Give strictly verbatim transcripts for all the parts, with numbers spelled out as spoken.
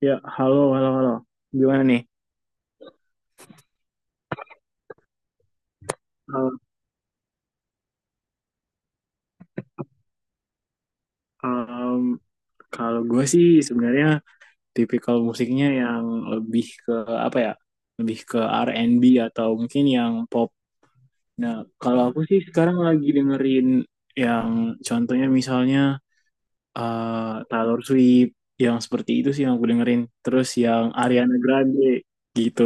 Ya, halo, halo, halo. Gimana nih? Eh, em, kalau gue sih sebenarnya tipikal musiknya yang lebih ke apa ya? Lebih ke R and B atau mungkin yang pop. Nah, kalau aku sih sekarang lagi dengerin yang contohnya misalnya eh, Taylor Swift yang seperti itu sih yang aku dengerin. Terus yang Ariana Grande gitu.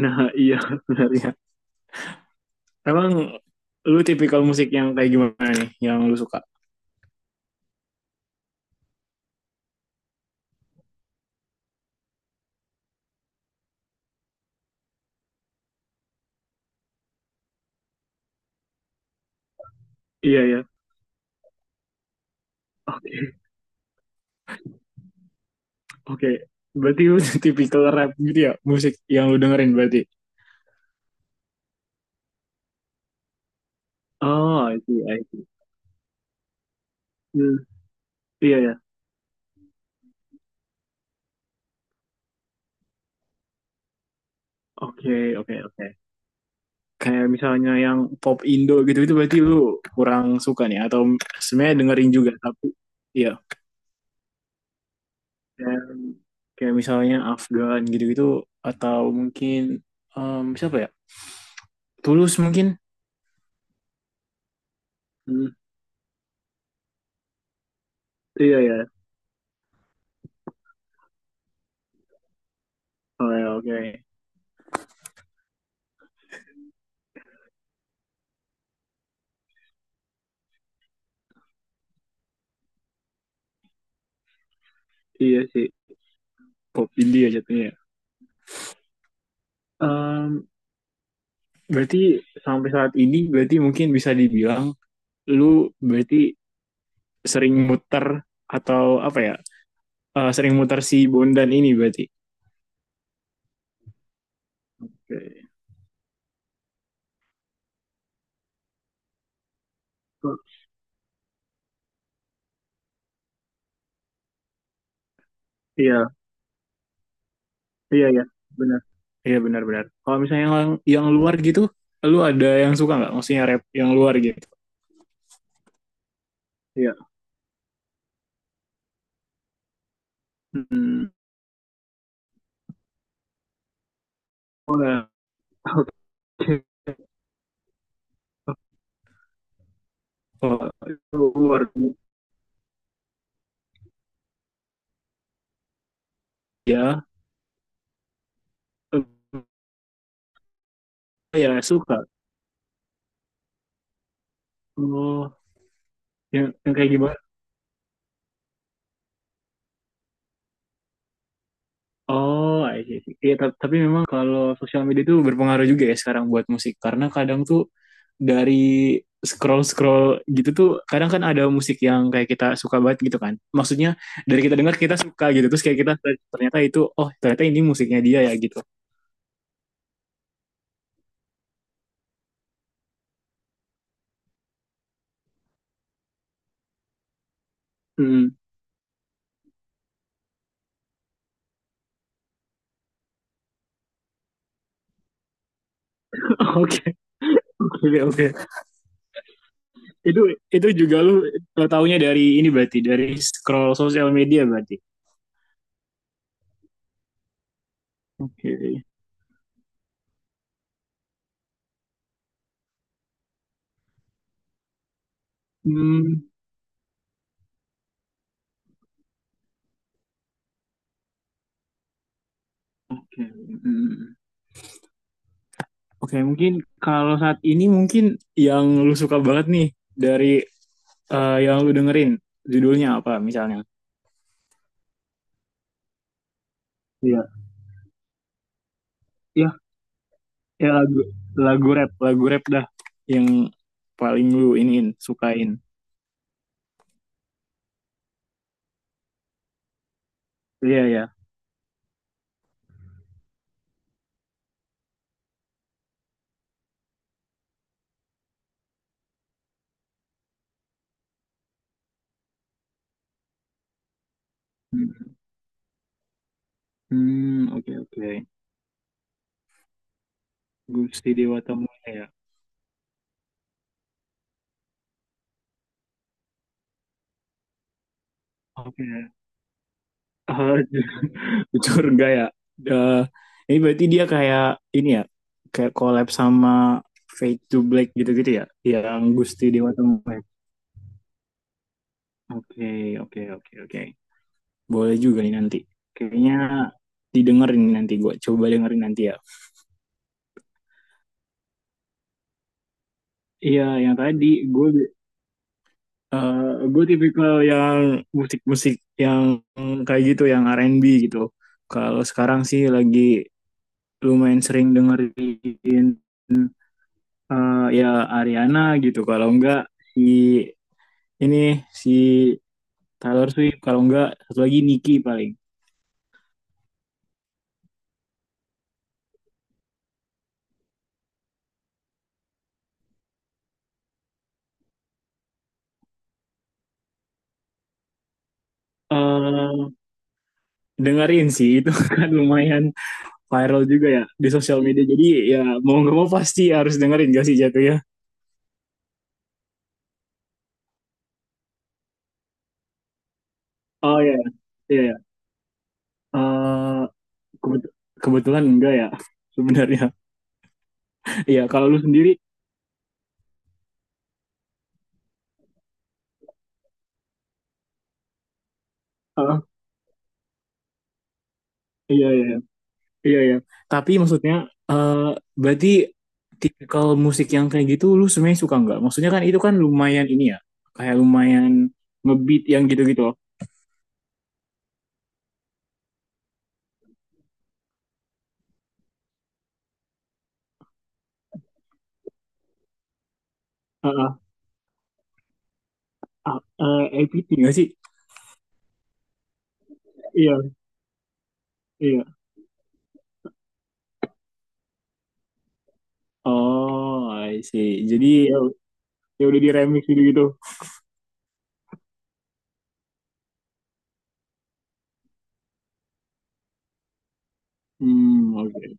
Nah, iya sebenarnya. Emang lu tipikal musik yang kayak gimana nih yang lu suka? Iya, iya. Oke. Oke, berarti lu tipikal rap gitu ya, musik yang lu dengerin berarti. Oh, I see, I see. Hmm, iya ya. Oke, oke, oke. Kayak misalnya yang pop Indo gitu itu berarti lu kurang suka nih atau sebenarnya dengerin juga tapi iya. Dan kayak misalnya Afgan gitu-gitu atau mungkin em, siapa ya? Tulus mungkin. Hmm, iya ya. Oh, ya, oke. Iya sih, pop India jatuhnya. Ya. Em, Berarti sampai saat ini berarti mungkin bisa dibilang lu berarti sering muter atau apa ya? Eh, sering muter si Bondan ini berarti. Oke. Iya, iya, iya, benar. Iya benar-benar. Kalau misalnya yang yang luar gitu, lu ada yang suka nggak? Maksudnya rap yang luar gitu? Iya. Hmm. Oh, ya. Oke, oh, luar. Ya, eh, ya suka. Oh, yang, yang kayak gimana? Oh, I see. I see. Iya, ta- tapi memang kalau sosial media itu berpengaruh juga ya sekarang buat musik. Karena kadang tuh dari scroll-scroll gitu tuh, kadang kan ada musik yang kayak kita suka banget gitu kan. Maksudnya dari kita dengar kita suka gitu. Terus kayak kita ternyata itu, oh ternyata ini musiknya dia ya gitu. Hmm. Oke. Oke, oke. Itu itu juga lu taunya dari ini berarti, dari scroll sosial media berarti. Oke. Hmm. Oke. Hmm. Oke, mungkin kalau saat ini mungkin yang lu suka banget nih dari eh, yang lu dengerin judulnya apa misalnya? Iya, ya, ya lagu lagu rap, lagu rap dah yang paling lu iniin, sukain. Iya, ya. Hmm, oke oke. Gusti Dewa Tamungnya ya. Oke. Eh, Bocor enggak ya. Eh, ini berarti dia kayak ini ya, kayak collab sama Fade to Black gitu-gitu ya, yang Gusti Dewa Tamungnya. Oke, oke, oke, oke. Boleh juga nih nanti. Kayaknya didengerin nanti gue. Coba dengerin nanti ya. Iya, yang tadi gue gue tipikal yang musik-musik yang kayak gitu, yang R and B gitu. Kalau sekarang sih lagi lumayan sering dengerin eh, ya Ariana gitu. Kalau enggak si ini si Taylor Swift. Kalau enggak satu lagi Nicki paling. eh dengerin sih itu kan lumayan viral juga ya di sosial media. Jadi ya mau nggak mau pasti harus dengerin gak sih jatuhnya. Oh iya, iya. Iya. Eh, kebet- kebetulan enggak ya sebenarnya. Iya, kalau lu sendiri, eh, iya iya iya iya. Tapi maksudnya eh berarti tipikal musik yang kayak gitu lu sebenarnya suka nggak? Maksudnya kan itu kan lumayan ini ya, kayak lumayan ngebeat yang gitu-gitu loh. Heeh. Ah, eh, A P T nggak sih? Iya, iya. Oh, I see. Jadi ya, ya udah di remix gitu gitu. Hmm, oke.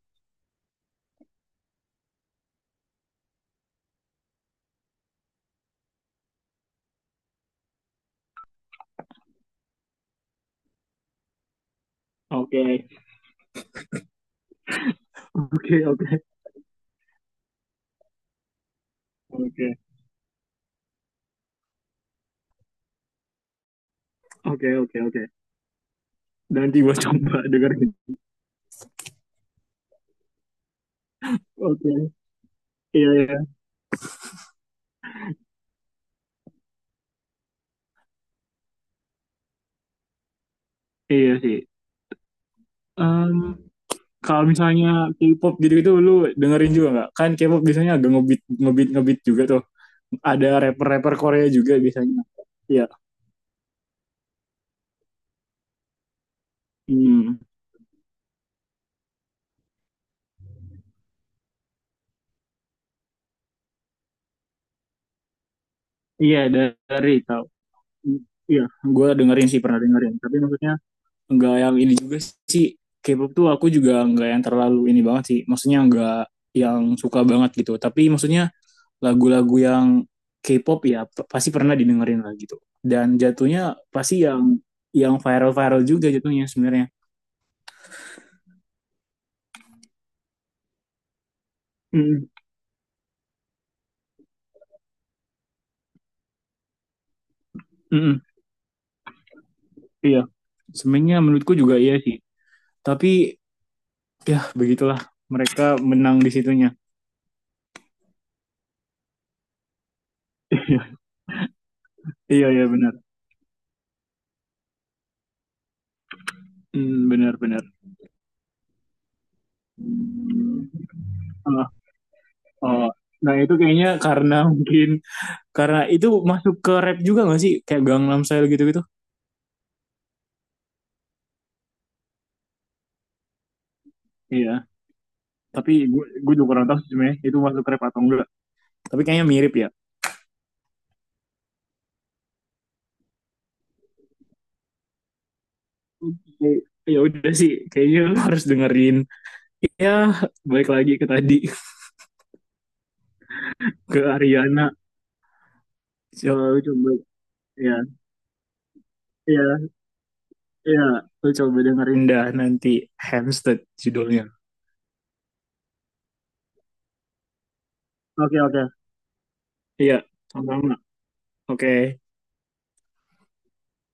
Oke. Oke, oke. Oke. Oke, oke, oke. Nanti gua coba dengerin. Oke. Iya, iya. Iya sih. Em, Kalau misalnya K-pop gitu-gitu lu dengerin juga nggak? Kan K-pop biasanya agak ngebeat ngebeat ngebeat juga tuh. Ada rapper-rapper Korea juga biasanya. Iya. Hmm. Iya, dari tahu. Iya, gua dengerin sih pernah dengerin. Tapi maksudnya nggak yang ini juga sih, K-pop tuh aku juga nggak yang terlalu ini banget sih, maksudnya nggak yang suka banget gitu, tapi maksudnya lagu-lagu yang K-pop ya p- pasti pernah didengerin lah gitu, dan jatuhnya pasti yang yang viral-viral juga jatuhnya sebenarnya. Mm, mm, iya sebenarnya menurutku juga iya sih, tapi ya begitulah mereka menang di situnya. Iya iya benar. Mm, benar benar. Ah, oh. Nah itu kayaknya karena mungkin karena itu masuk ke rap juga gak sih? Kayak Gangnam Style gitu-gitu. Iya, tapi gue gue juga kurang tahu sih itu masuk rap atau enggak. Tapi kayaknya mirip ya. Oke. Ya udah sih, kayaknya lu harus dengerin. Ya, balik lagi ke tadi ke Ariana. Coba coba ya, ya, ya, lu coba dengerin dah nanti Hampstead judulnya. Oke, okay, oke. Okay. Iya, sama-sama. Oke. Okay.